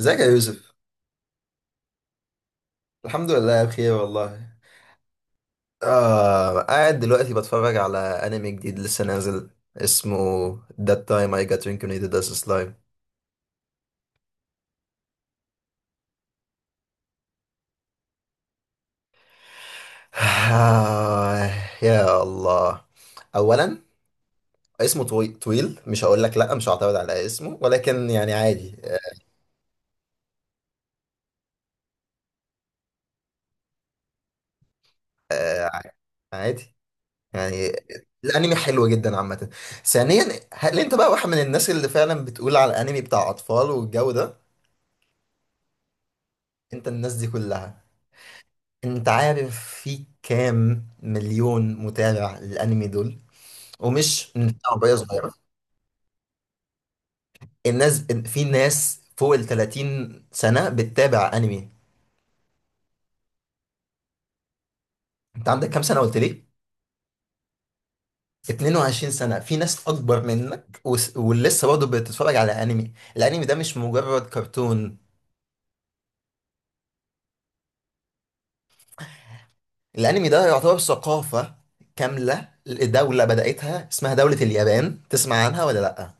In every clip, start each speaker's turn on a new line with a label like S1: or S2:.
S1: ازيك يا يوسف؟ الحمد لله بخير والله. آه، قاعد دلوقتي بتفرج على انمي جديد لسه نازل اسمه That time I got reincarnated as a slime. آه، يا الله. اولا، اسمه طويل، مش هقول لك لا، مش هعترض على اسمه، ولكن يعني عادي. آه، عادي يعني. الانمي حلو جدا عامة. ثانيا، هل انت بقى واحد من الناس اللي فعلا بتقول على الانمي بتاع اطفال والجو ده؟ انت الناس دي كلها. انت عارف في كام مليون متابع للانمي دول؟ ومش بتاع عمرية صغيرة. الناس، في ناس فوق ال 30 سنة بتتابع انمي. انت عندك كام سنة قلت لي؟ 22 سنة، في ناس اكبر منك ولسه برضه بتتفرج على انمي. الانمي ده مش مجرد كرتون. الانمي ده يعتبر ثقافة كاملة. دولة بدأتها اسمها دولة اليابان، تسمع عنها ولا لأ؟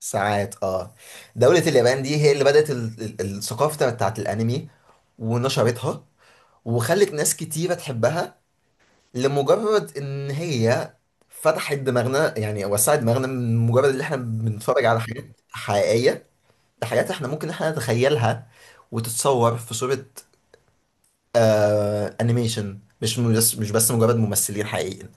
S1: ساعات اه. دولة اليابان دي هي اللي بدأت الثقافة بتاعت الأنمي، ونشرتها، وخلت ناس كتيرة تحبها لمجرد إن هي فتحت دماغنا، يعني وسعت دماغنا من مجرد إن إحنا بنتفرج على حاجات حقيقية لحاجات إحنا ممكن إحنا نتخيلها وتتصور في صورة، آه، أنيميشن، مش بس مجرد ممثلين حقيقيين.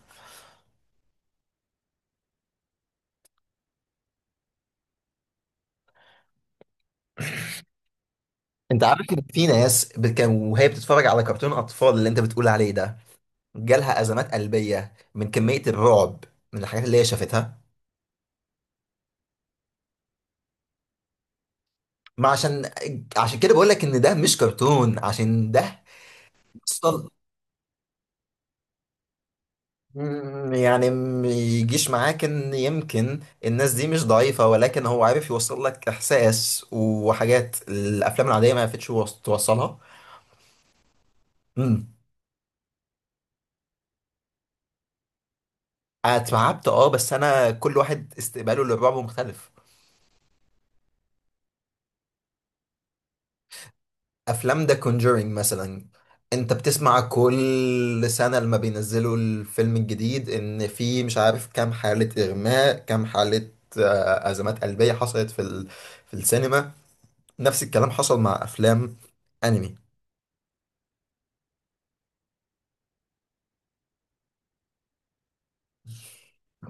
S1: أنت عارف إن في ناس كان وهي بتتفرج على كرتون أطفال اللي أنت بتقول عليه ده جالها أزمات قلبية من كمية الرعب، من الحاجات اللي هي شافتها. ما عشان عشان كده بقول لك ان ده مش كرتون، عشان ده اصلا. يعني ما يجيش معاك ان يمكن الناس دي مش ضعيفة، ولكن هو عارف يوصل لك احساس، وحاجات الافلام العادية ما عرفتش توصلها. امم اتعبت، اه، بس انا كل واحد استقباله للرعب مختلف. افلام ذا كونجورينج مثلا، انت بتسمع كل سنة لما بينزلوا الفيلم الجديد ان في مش عارف كام حالة اغماء، كام حالة، ازمات قلبية حصلت في في السينما. نفس الكلام حصل مع افلام انمي.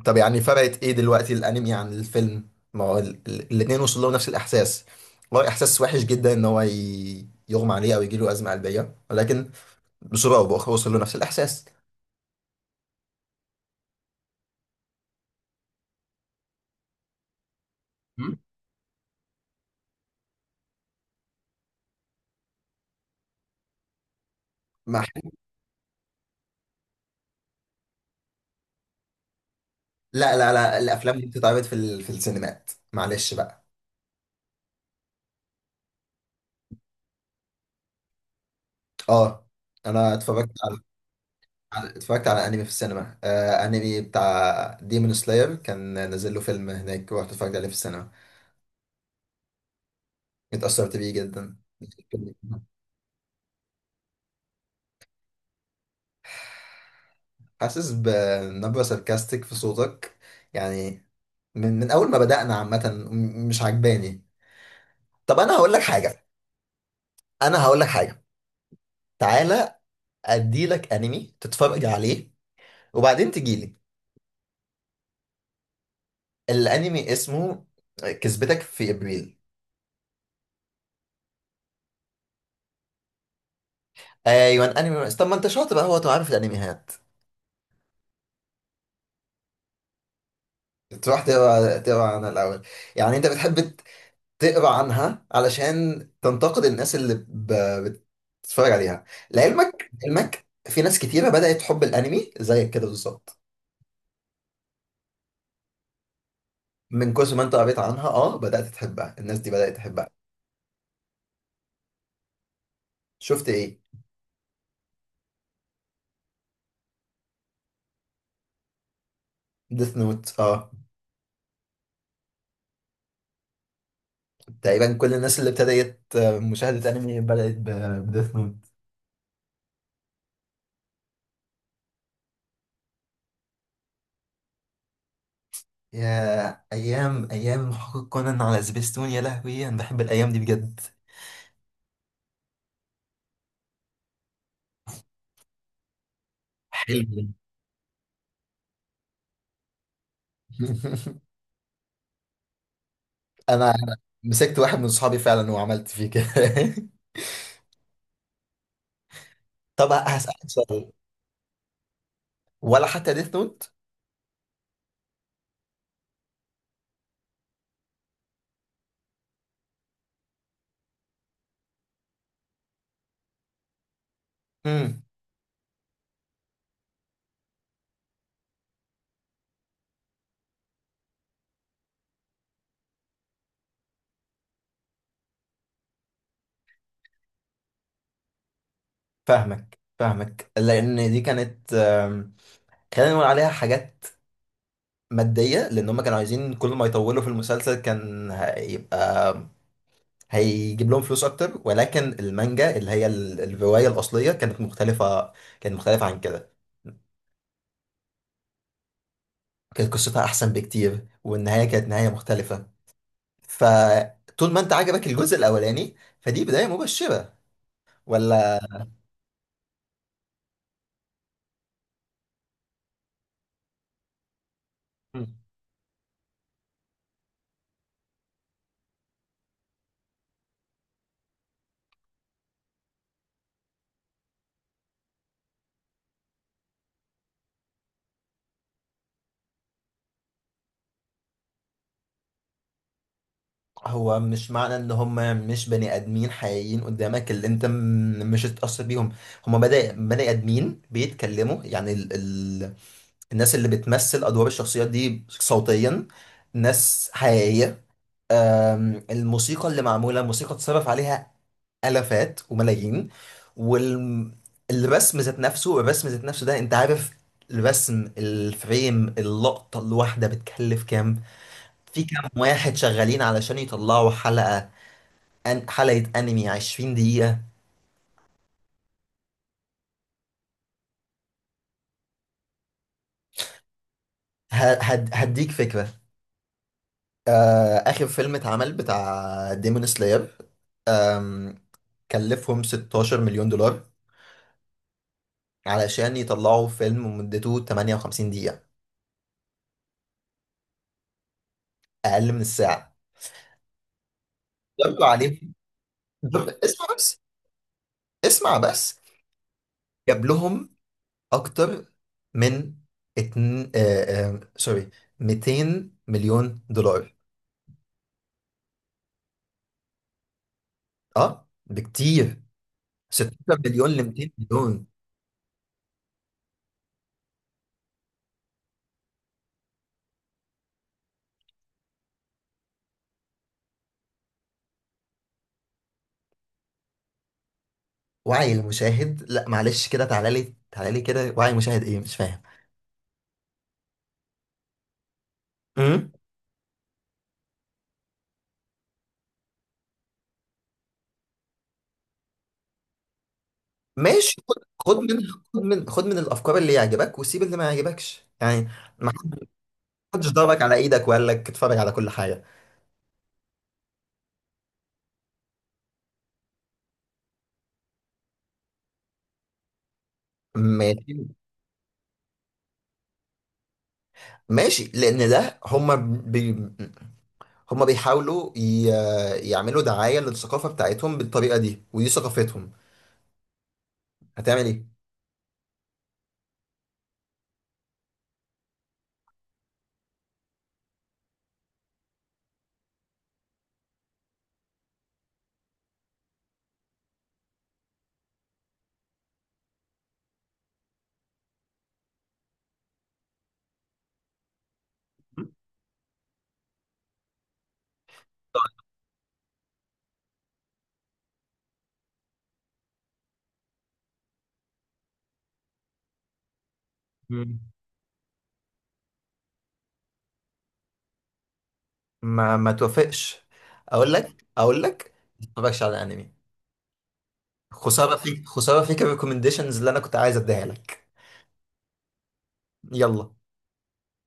S1: طب يعني فرقت ايه دلوقتي الانمي عن الفيلم؟ ما هو الاتنين وصلوا نفس الاحساس. والله احساس وحش جدا ان هو يغمى عليه او يجيله ازمة قلبية، ولكن بصورة او باخرى وصل له نفس الاحساس. مم. ما لا لا لا، الافلام دي بتتعرض في في السينمات، معلش بقى. اه، انا اتفرجت على انمي في السينما، آه، انمي بتاع ديمون سلاير، كان نازل له فيلم هناك ورحت اتفرجت عليه في السينما. اتأثرت بيه جدا. حاسس بنبرة ساركاستيك في صوتك يعني، من اول ما بدأنا عامة، مش عجباني. طب انا هقول لك حاجة، انا هقول لك حاجة، تعالى، اديلك انمي تتفرج عليه وبعدين تجيلي. الانمي اسمه كذبتك في ابريل. ايوه انمي. طب ما انت شاطر بقى، هو تبقى عارف الانميات، تروح تقرا عنها الاول. يعني انت بتحب تقرا عنها علشان تنتقد الناس اللي بتتفرج عليها. لعلمك، في ناس كتيره بدات تحب الانمي زيك كده بالظبط، من كثر ما انت قريت عنها بدات تحبها، الناس دي بدات تحبها. شفت ايه؟ ديث نوت، اه. تقريبا كل الناس اللي ابتدت مشاهده انمي بدات بديث نوت. يا أيام، أيام محقق كونان على سبيستون، يا لهوي، أنا بحب الأيام دي بجد. حلو. أنا مسكت واحد من صحابي فعلا وعملت فيه كده. طب هسألك سؤال، ولا حتى ديث نوت؟ امم. فاهمك فاهمك، لأن دي كانت، خلينا نقول عليها حاجات مادية، لأن هم كانوا عايزين كل ما يطولوا في المسلسل كان هيبقى هيجيب لهم فلوس أكتر، ولكن المانجا اللي هي الرواية الأصلية كانت مختلفة. كانت مختلفة عن كده. كانت قصتها احسن بكتير، والنهايه كانت نهايه مختلفه. فطول ما انت عجبك الجزء الاولاني، فدي بدايه مبشره، ولا؟ مم. هو مش معنى ان هم مش بني ادمين حقيقيين قدامك اللي انت مش هتتاثر بيهم. هم بني ادمين بيتكلموا يعني، ال الناس اللي بتمثل ادوار الشخصيات دي صوتيا ناس حقيقيه. الموسيقى اللي معموله، موسيقى اتصرف عليها آلافات وملايين. والرسم ذات نفسه، الرسم ذات نفسه ده انت عارف، الرسم، الفريم، اللقطة الواحدة بتكلف كام؟ في كام واحد شغالين علشان يطلعوا حلقة؟ أن حلقة أنمي 20 دقيقة. ه- هد هديك فكرة. آخر فيلم اتعمل بتاع ديمون سلاير آم، كلفهم 16 مليون دولار، علشان يطلعوا فيلم مدته 58 دقيقة. أقل من الساعة، ضربوا عليه ضرب. اسمع بس، اسمع بس، جاب لهم اكتر من اتن... آه آه سوري 200 مليون دولار. اه، بكتير. 16 مليون ل 200 مليون. وعي المشاهد؟ لا معلش كده، تعالى لي تعالى لي كده، وعي المشاهد ايه مش فاهم. امم. ماشي، خد من الافكار اللي يعجبك وسيب اللي ما يعجبكش، يعني ما حدش ضربك على ايدك وقال لك اتفرج على كل حاجه. ماشي. ماشي لان ده هم، هما بيحاولوا يعملوا دعاية للثقافة بتاعتهم بالطريقة دي ودي ثقافتهم، هتعمل ايه؟ مم. ما توافقش، اقول لك اقول لك، ما تتفرجش على انمي. خسارة فيك، خسارة فيك، الريكومنديشنز اللي انا كنت عايز اديها لك. يلا.